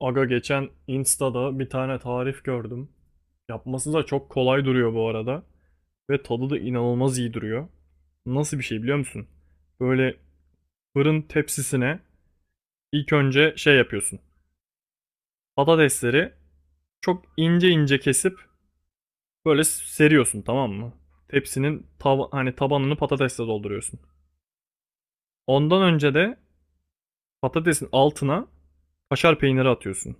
Aga geçen Insta'da bir tane tarif gördüm. Yapması da çok kolay duruyor bu arada. Ve tadı da inanılmaz iyi duruyor. Nasıl bir şey biliyor musun? Böyle fırın tepsisine ilk önce şey yapıyorsun. Patatesleri çok ince ince kesip böyle seriyorsun, tamam mı? Tepsinin hani tabanını patatesle dolduruyorsun. Ondan önce de patatesin altına kaşar peyniri atıyorsun.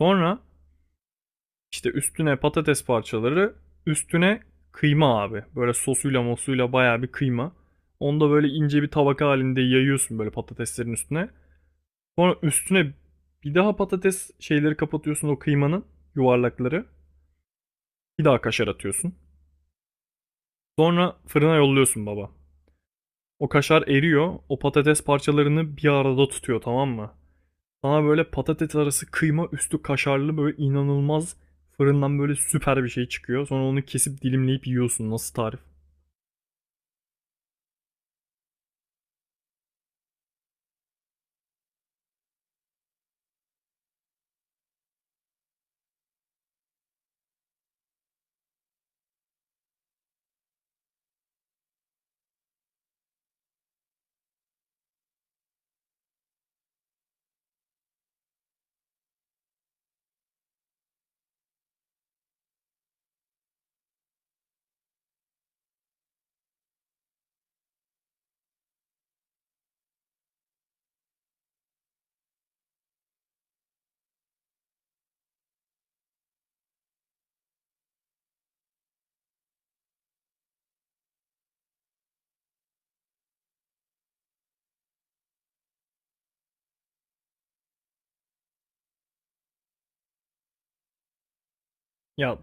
Sonra İşte üstüne patates parçaları, üstüne kıyma abi. Böyle sosuyla mosuyla bayağı bir kıyma. Onu da böyle ince bir tabaka halinde yayıyorsun böyle patateslerin üstüne. Sonra üstüne bir daha patates şeyleri kapatıyorsun, o kıymanın yuvarlakları. Bir daha kaşar atıyorsun. Sonra fırına yolluyorsun baba. O kaşar eriyor. O patates parçalarını bir arada tutuyor, tamam mı? Sana böyle patates arası, kıyma üstü kaşarlı, böyle inanılmaz fırından böyle süper bir şey çıkıyor. Sonra onu kesip dilimleyip yiyorsun. Nasıl tarif? Ya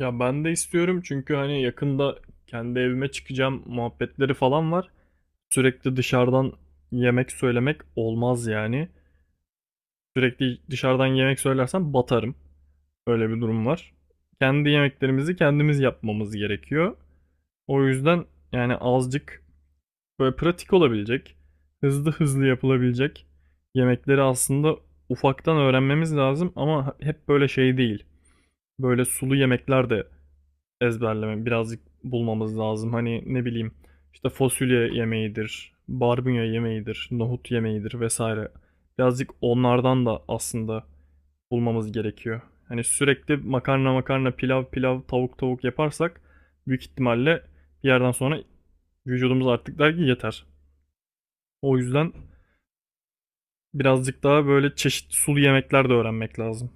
ya ben de istiyorum, çünkü hani yakında kendi evime çıkacağım muhabbetleri falan var. Sürekli dışarıdan yemek söylemek olmaz yani. Sürekli dışarıdan yemek söylersem batarım. Öyle bir durum var. Kendi yemeklerimizi kendimiz yapmamız gerekiyor. O yüzden yani azıcık böyle pratik olabilecek, hızlı hızlı yapılabilecek yemekleri aslında ufaktan öğrenmemiz lazım, ama hep böyle şey değil. Böyle sulu yemekler de ezberleme birazcık bulmamız lazım. Hani ne bileyim, işte fasulye yemeğidir, barbunya yemeğidir, nohut yemeğidir vesaire. Birazcık onlardan da aslında bulmamız gerekiyor. Hani sürekli makarna makarna, pilav pilav, tavuk tavuk yaparsak büyük ihtimalle bir yerden sonra vücudumuz artık der ki yeter. O yüzden birazcık daha böyle çeşitli sulu yemekler de öğrenmek lazım.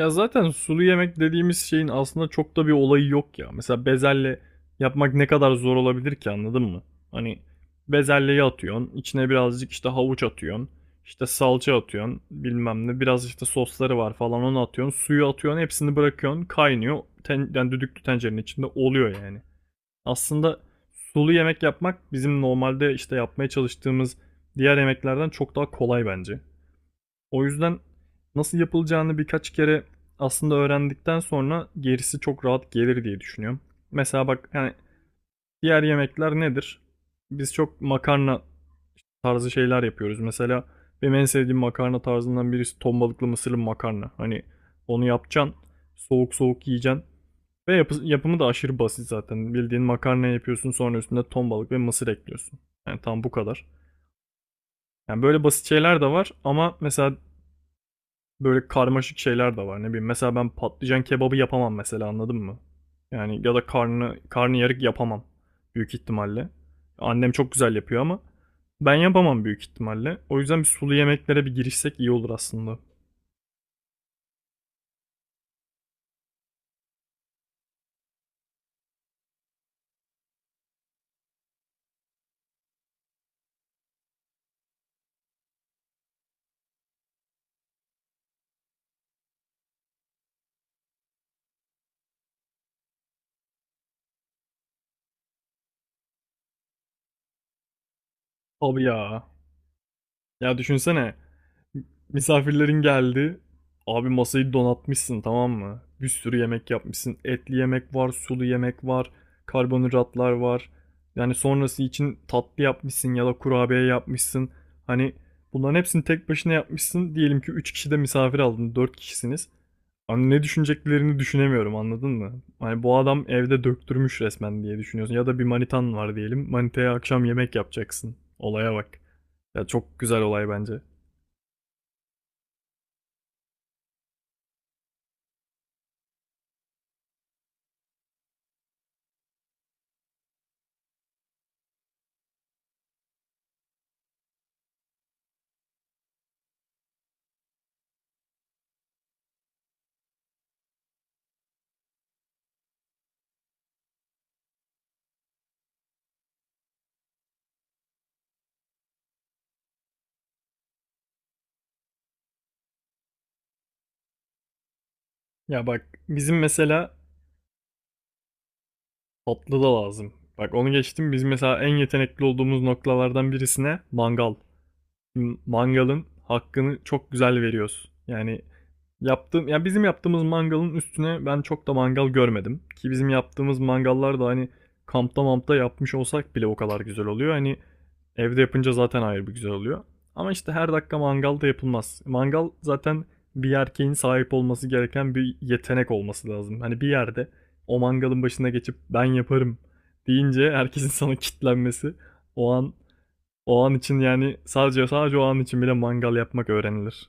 Ya zaten sulu yemek dediğimiz şeyin aslında çok da bir olayı yok ya. Mesela bezelye yapmak ne kadar zor olabilir ki, anladın mı? Hani bezelyeyi atıyorsun, içine birazcık işte havuç atıyorsun, işte salça atıyorsun, bilmem ne, biraz işte sosları var falan onu atıyorsun, suyu atıyorsun, hepsini bırakıyorsun, kaynıyor. Yani düdüklü tencerenin içinde oluyor yani. Aslında sulu yemek yapmak bizim normalde işte yapmaya çalıştığımız diğer yemeklerden çok daha kolay bence. O yüzden nasıl yapılacağını birkaç kere aslında öğrendikten sonra gerisi çok rahat gelir diye düşünüyorum. Mesela bak yani, diğer yemekler nedir? Biz çok makarna tarzı şeyler yapıyoruz. Mesela benim en sevdiğim makarna tarzından birisi ton balıklı mısırlı makarna. Hani onu yapacaksın, soğuk soğuk yiyeceksin. Ve yapımı da aşırı basit zaten. Bildiğin makarna yapıyorsun, sonra üstüne ton balık ve mısır ekliyorsun. Yani tam bu kadar. Yani böyle basit şeyler de var, ama mesela böyle karmaşık şeyler de var. Ne bileyim mesela, ben patlıcan kebabı yapamam mesela, anladın mı? Yani ya da karnıyarık yapamam büyük ihtimalle. Annem çok güzel yapıyor, ama ben yapamam büyük ihtimalle. O yüzden bir sulu yemeklere bir girişsek iyi olur aslında. Tabii ya. Ya düşünsene, misafirlerin geldi. Abi, masayı donatmışsın, tamam mı? Bir sürü yemek yapmışsın. Etli yemek var, sulu yemek var, karbonhidratlar var. Yani sonrası için tatlı yapmışsın ya da kurabiye yapmışsın. Hani bunların hepsini tek başına yapmışsın. Diyelim ki 3 kişi de misafir aldın, dört kişisiniz. Hani ne düşüneceklerini düşünemiyorum, anladın mı? Hani bu adam evde döktürmüş resmen diye düşünüyorsun. Ya da bir manitan var diyelim. Manitaya akşam yemek yapacaksın. Olaya bak. Ya çok güzel olay bence. Ya bak, bizim mesela tatlı da lazım. Bak, onu geçtim. Biz mesela en yetenekli olduğumuz noktalardan birisine mangal. Mangalın hakkını çok güzel veriyoruz. Yani ya bizim yaptığımız mangalın üstüne ben çok da mangal görmedim, ki bizim yaptığımız mangallar da hani kampta mampta yapmış olsak bile o kadar güzel oluyor. Hani evde yapınca zaten ayrı bir güzel oluyor. Ama işte her dakika mangal da yapılmaz. Mangal zaten bir erkeğin sahip olması gereken bir yetenek olması lazım. Hani bir yerde o mangalın başına geçip ben yaparım deyince herkesin sana kitlenmesi, o an, o an için, yani sadece sadece o an için bile mangal yapmak öğrenilir.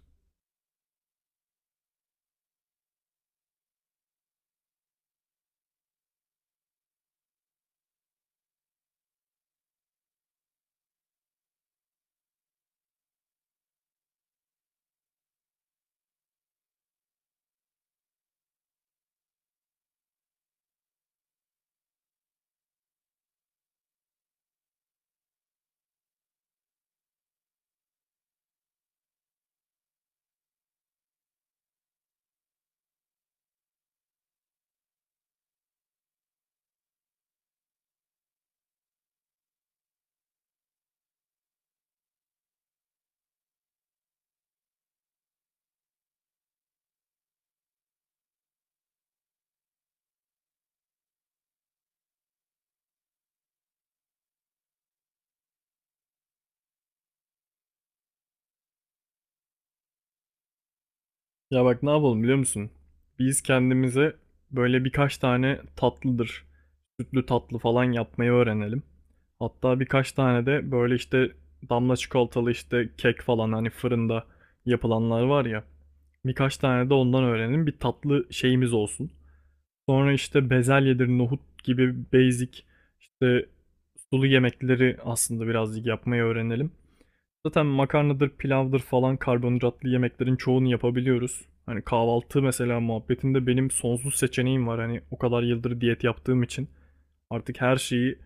Ya bak ne yapalım biliyor musun? Biz kendimize böyle birkaç tane tatlıdır, sütlü tatlı falan yapmayı öğrenelim. Hatta birkaç tane de böyle işte damla çikolatalı işte kek falan, hani fırında yapılanlar var ya. Birkaç tane de ondan öğrenelim. Bir tatlı şeyimiz olsun. Sonra işte bezelyedir, nohut gibi basic işte sulu yemekleri aslında birazcık yapmayı öğrenelim. Zaten makarnadır, pilavdır falan karbonhidratlı yemeklerin çoğunu yapabiliyoruz. Hani kahvaltı mesela muhabbetinde benim sonsuz seçeneğim var. Hani o kadar yıldır diyet yaptığım için artık her şeyi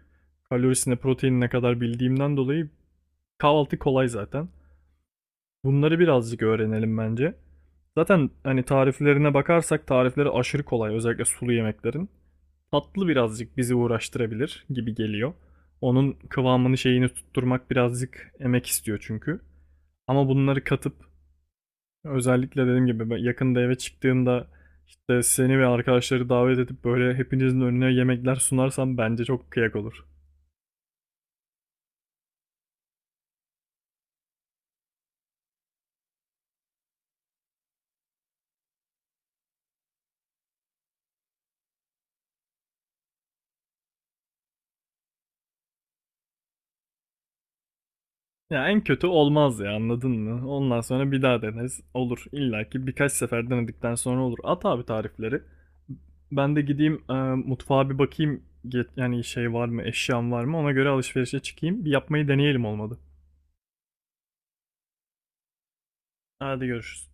kalorisine, proteinine kadar bildiğimden dolayı kahvaltı kolay zaten. Bunları birazcık öğrenelim bence. Zaten hani tariflerine bakarsak tarifleri aşırı kolay, özellikle sulu yemeklerin. Tatlı birazcık bizi uğraştırabilir gibi geliyor. Onun kıvamını, şeyini tutturmak birazcık emek istiyor çünkü. Ama bunları katıp, özellikle dediğim gibi ben yakında eve çıktığımda işte seni ve arkadaşları davet edip böyle hepinizin önüne yemekler sunarsam bence çok kıyak olur. Ya en kötü olmaz ya, anladın mı? Ondan sonra bir daha deneriz. Olur. İlla ki birkaç sefer denedikten sonra olur. At abi tarifleri. Ben de gideyim mutfağa bir bakayım. Yani şey var mı, eşyam var mı? Ona göre alışverişe çıkayım. Bir yapmayı deneyelim, olmadı. Hadi görüşürüz.